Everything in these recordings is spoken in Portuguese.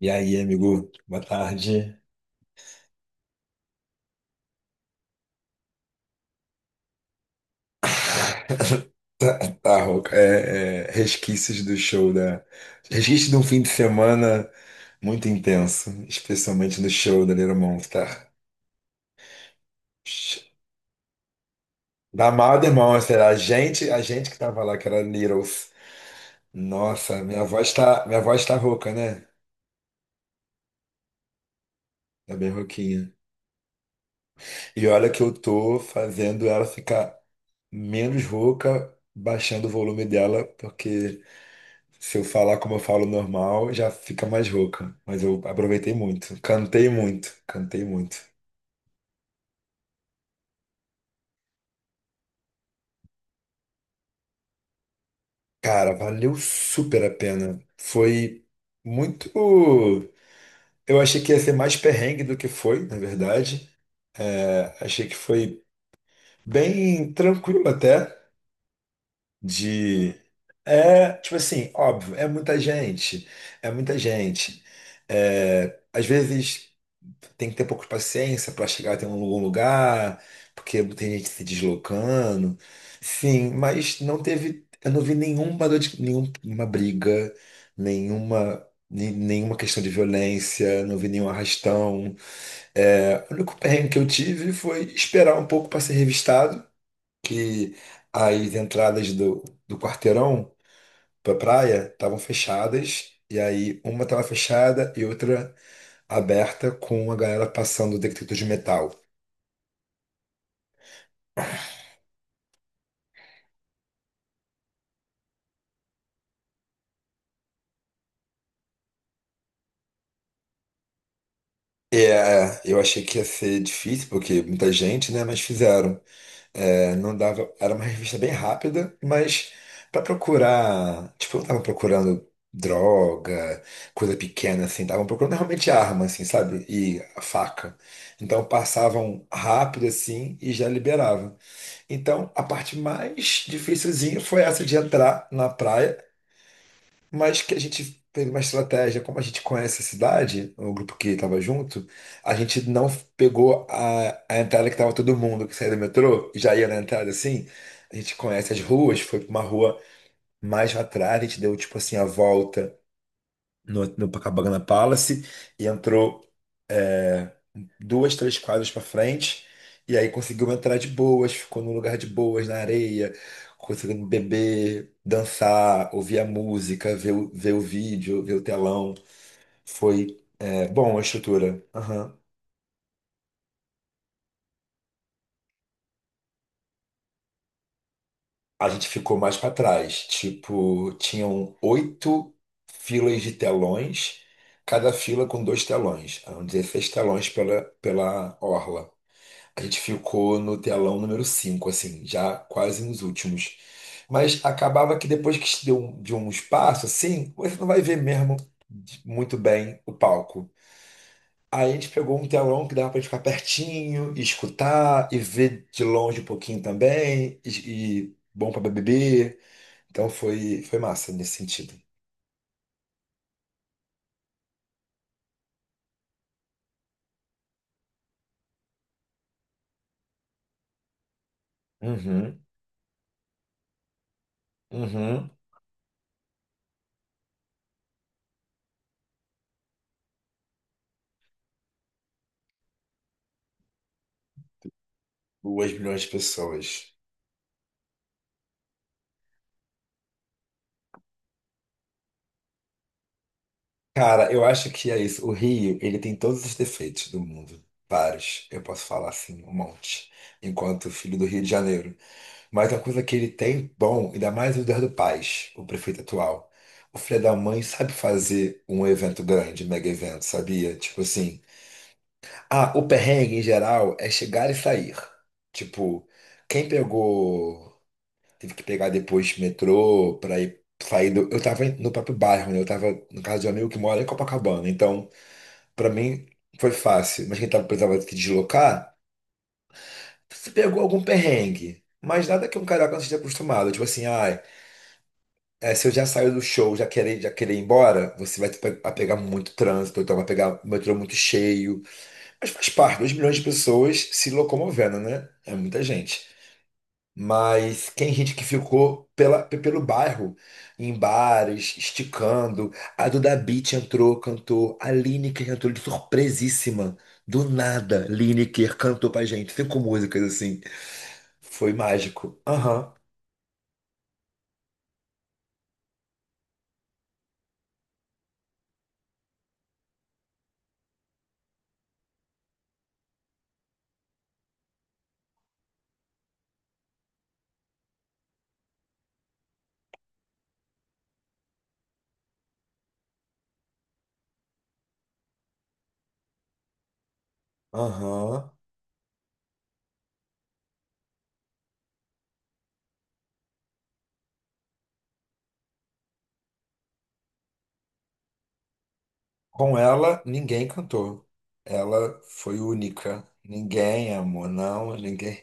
E aí, amigo? Boa tarde. Tá, tá, Roca. É, resquícios do show da. Resquícios de um fim de semana muito intenso, especialmente no show da Little Monster. Da Mother Monster, a gente que tava lá, que era Littles. Nossa, minha voz tá rouca, né? Tá bem rouquinha. E olha que eu tô fazendo ela ficar menos rouca, baixando o volume dela, porque. Se eu falar como eu falo normal, já fica mais rouca. Mas eu aproveitei muito. Cantei muito. Cantei muito. Cara, valeu super a pena. Foi muito. Eu achei que ia ser mais perrengue do que foi, na verdade. É, achei que foi bem tranquilo até. De. É, tipo assim, óbvio, é muita gente. É muita gente. É, às vezes tem que ter pouco de paciência para chegar até um algum lugar, porque tem gente se deslocando. Sim, mas não teve. Eu não vi nenhuma briga, nenhuma questão de violência, não vi nenhum arrastão. É, o único perrengue que eu tive foi esperar um pouco para ser revistado que as entradas do quarteirão para praia estavam fechadas, e aí uma estava fechada e outra aberta com a galera passando detector de metal. É, eu achei que ia ser difícil, porque muita gente, né? Mas fizeram. É, não dava, era uma revista bem rápida, mas para procurar, tipo, não tava procurando droga, coisa pequena assim, estavam procurando realmente arma assim, sabe? E a faca. Então passavam rápido assim e já liberava. Então a parte mais dificilzinha foi essa de entrar na praia, mas que a gente fez uma estratégia, como a gente conhece a cidade, o grupo que estava junto, a gente não pegou a entrada que estava todo mundo que saía do metrô e já ia na entrada assim. A gente conhece as ruas, foi para uma rua mais lá atrás, a gente deu tipo assim a volta no Copacabana Palace e entrou duas, três quadras para frente. E aí conseguiu entrar de boas, ficou num lugar de boas, na areia, conseguindo beber, dançar, ouvir a música, ver o vídeo, ver o telão. Foi, é, bom a estrutura. Aham. A gente ficou mais para trás. Tipo, tinham oito filas de telões, cada fila com dois telões. Eram 16 telões pela orla. A gente ficou no telão número 5, assim, já quase nos últimos. Mas acabava que depois que se deu de um espaço, assim, você não vai ver mesmo muito bem o palco. Aí a gente pegou um telão que dava pra gente ficar pertinho, e escutar e ver de longe um pouquinho também, e bom pra beber. Então foi massa nesse sentido. Uhum, uhum. 2 milhões de pessoas. Cara, eu acho que é isso. O Rio, ele tem todos os defeitos do mundo. Vários. Eu posso falar assim, um monte. Enquanto filho do Rio de Janeiro. Mas a coisa que ele tem, bom, ainda mais o Eduardo Paes, o prefeito atual. O filho da mãe sabe fazer um evento grande, um mega evento, sabia? Tipo assim. Ah, o perrengue em geral é chegar e sair. Tipo, quem pegou. Teve que pegar depois metrô pra ir sair do. Eu tava no próprio bairro, né? Eu tava no caso de um amigo que mora em Copacabana. Então. Pra mim foi fácil, mas quem tava, precisava se deslocar, se pegou algum perrengue. Mas nada que um carioca não esteja acostumado. Tipo assim, ai, é, se eu já saio do show, já querer ir embora, você vai a pegar muito trânsito, então vai pegar o metrô muito cheio. Mas faz parte, 2 milhões de pessoas se locomovendo, né? É muita gente. Mas tem gente que ficou pelo bairro, em bares, esticando. A Duda Beat entrou, cantou. A Lineker entrou de surpresíssima. Do nada, Lineker cantou pra gente. Cinco músicas assim. Foi mágico. Aham, aham. Com ela, ninguém cantou. Ela foi única. Ninguém, amor, não, ninguém.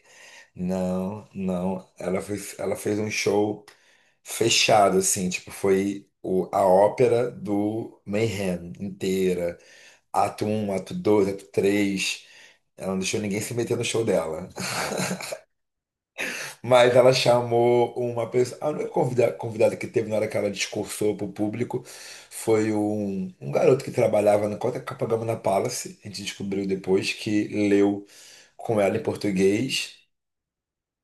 Não, não. Ela fez um show fechado, assim, tipo, foi a ópera do Mayhem inteira. Ato um, ato 2, ato 3. Ela não deixou ninguém se meter no show dela. Mas ela chamou uma pessoa. A única convidada que teve na hora que ela discursou pro público foi um garoto que trabalhava na Copacabana Palace. A gente descobriu depois que leu com ela em português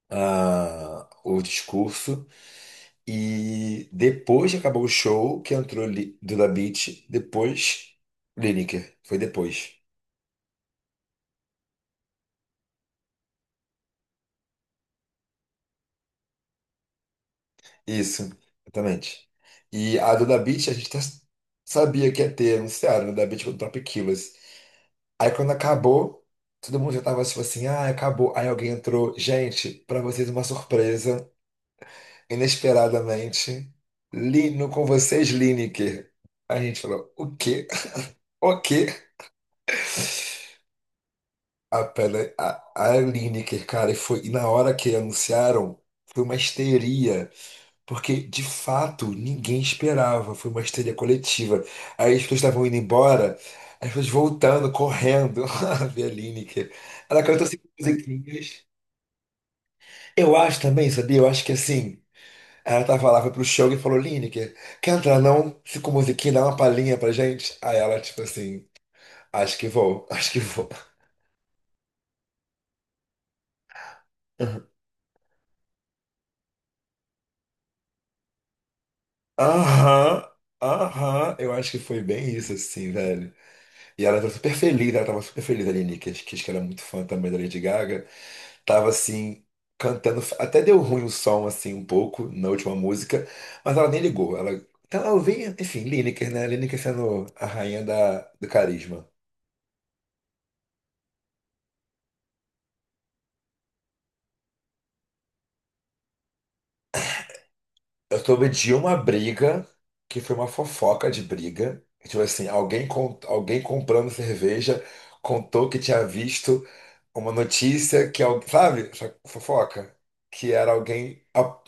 o discurso. E depois que acabou o show, que entrou Duda Beat, depois Lineker. Foi depois. Isso, exatamente. E a Duda Beat, a gente até sabia que ia ter, anunciaram, Duda Beat com o Top Killers. Aí quando acabou, todo mundo já tava tipo assim, ah, acabou. Aí alguém entrou, gente, pra vocês uma surpresa, inesperadamente, Lino com vocês, Lineker. Aí a gente falou, o quê? O quê? A Lineker, cara, e foi, e na hora que anunciaram, foi uma histeria, porque de fato ninguém esperava, foi uma histeria coletiva. Aí as pessoas estavam indo embora, as pessoas voltando, correndo, a ver a Lineker. Ela cantou cinco musiquinhas. Eu acho também, sabia? Eu acho que assim, ela tava lá, foi pro show e falou: Lineker, quer entrar não? Cinco musiquinhas, dá uma palhinha pra gente. Aí ela, tipo assim, acho que vou, acho que vou. Aham, aham, eu acho que foi bem isso, assim, velho. E ela tava super feliz, ela tava super feliz ali, Nick, acho que ela é muito fã também da Lady Gaga. Tava, assim, cantando, até deu ruim o som, assim, um pouco, na última música, mas ela nem ligou. Ela, então, ela ouvia, enfim, Lineker, né? Lineker sendo a rainha da, do carisma. Eu soube de uma briga que foi uma fofoca de briga. Tipo assim, alguém, alguém comprando cerveja contou que tinha visto uma notícia que alguém, sabe, essa fofoca, que era alguém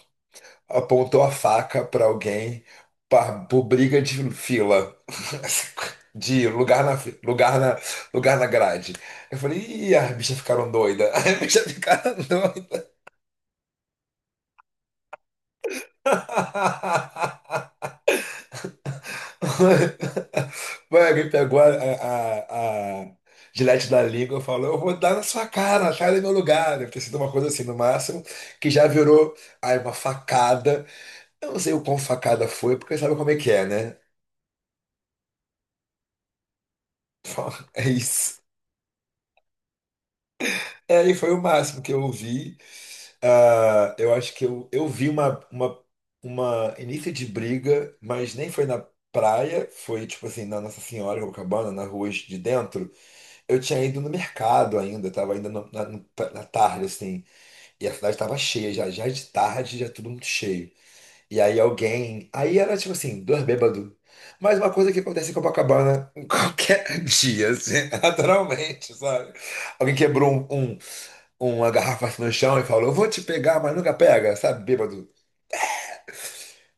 apontou a faca pra alguém por briga de fila, de lugar na fi- lugar na grade. Eu falei, ih, as bichas ficaram doidas. As bichas ficaram doidas. Mano, alguém pegou a gilete da língua e falou: Eu vou dar na sua cara, sai do meu lugar. Deve ter sido uma coisa assim, no máximo, que já virou aí uma facada. Eu não sei o quão facada foi, porque sabe como é que é, né? É isso. É, e foi o máximo que eu vi. Ah, eu acho que eu vi uma início de briga, mas nem foi na praia, foi tipo assim, na Nossa Senhora, em Copacabana, na rua de dentro. Eu tinha ido no mercado ainda, tava ainda na tarde, assim, e a cidade tava cheia já, já de tarde, já tudo muito cheio. E aí alguém. Aí era tipo assim, dois bêbados. Mas uma coisa que acontece em Copacabana em qualquer dia, assim, naturalmente, sabe? Alguém quebrou uma garrafa assim no chão e falou: Eu vou te pegar, mas nunca pega, sabe, bêbado?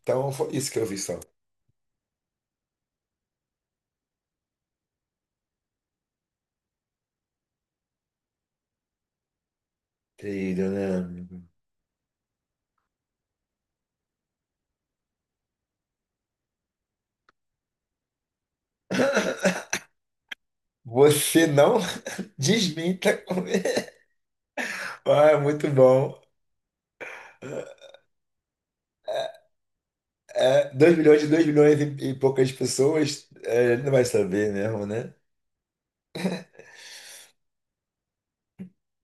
Então foi isso que eu vi só. Querido, né? Você não desminta comigo. Ah, muito bom. É, 2 milhões de 2 milhões e poucas pessoas, é, ele não vai saber mesmo, né?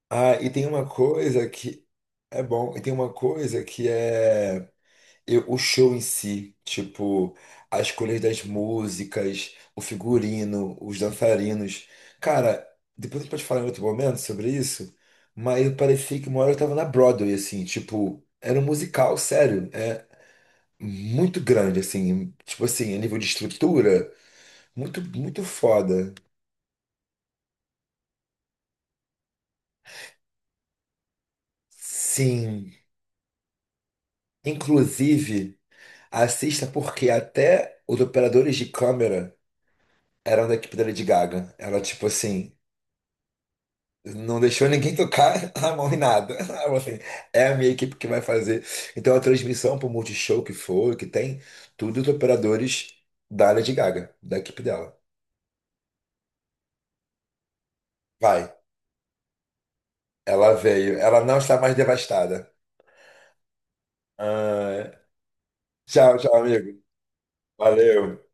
Ah, e tem uma coisa que é bom, e tem uma coisa que é o show em si, tipo, as escolhas das músicas, o figurino, os dançarinos. Cara, depois a gente pode falar em outro momento sobre isso, mas eu parecia que uma hora eu tava na Broadway, assim, tipo, era um musical, sério, é muito grande, assim, tipo assim, a nível de estrutura, muito, muito foda. Sim. Inclusive, assista porque até os operadores de câmera eram da equipe da Lady Gaga. Ela, tipo assim, não deixou ninguém tocar a mão em nada. Ela falou assim, é a minha equipe que vai fazer. Então a transmissão pro Multishow que for, que tem, tudo os operadores da Lady Gaga, da equipe dela. Vai. Ela veio. Ela não está mais devastada. Ah, é. Tchau, tchau, amigo. Valeu.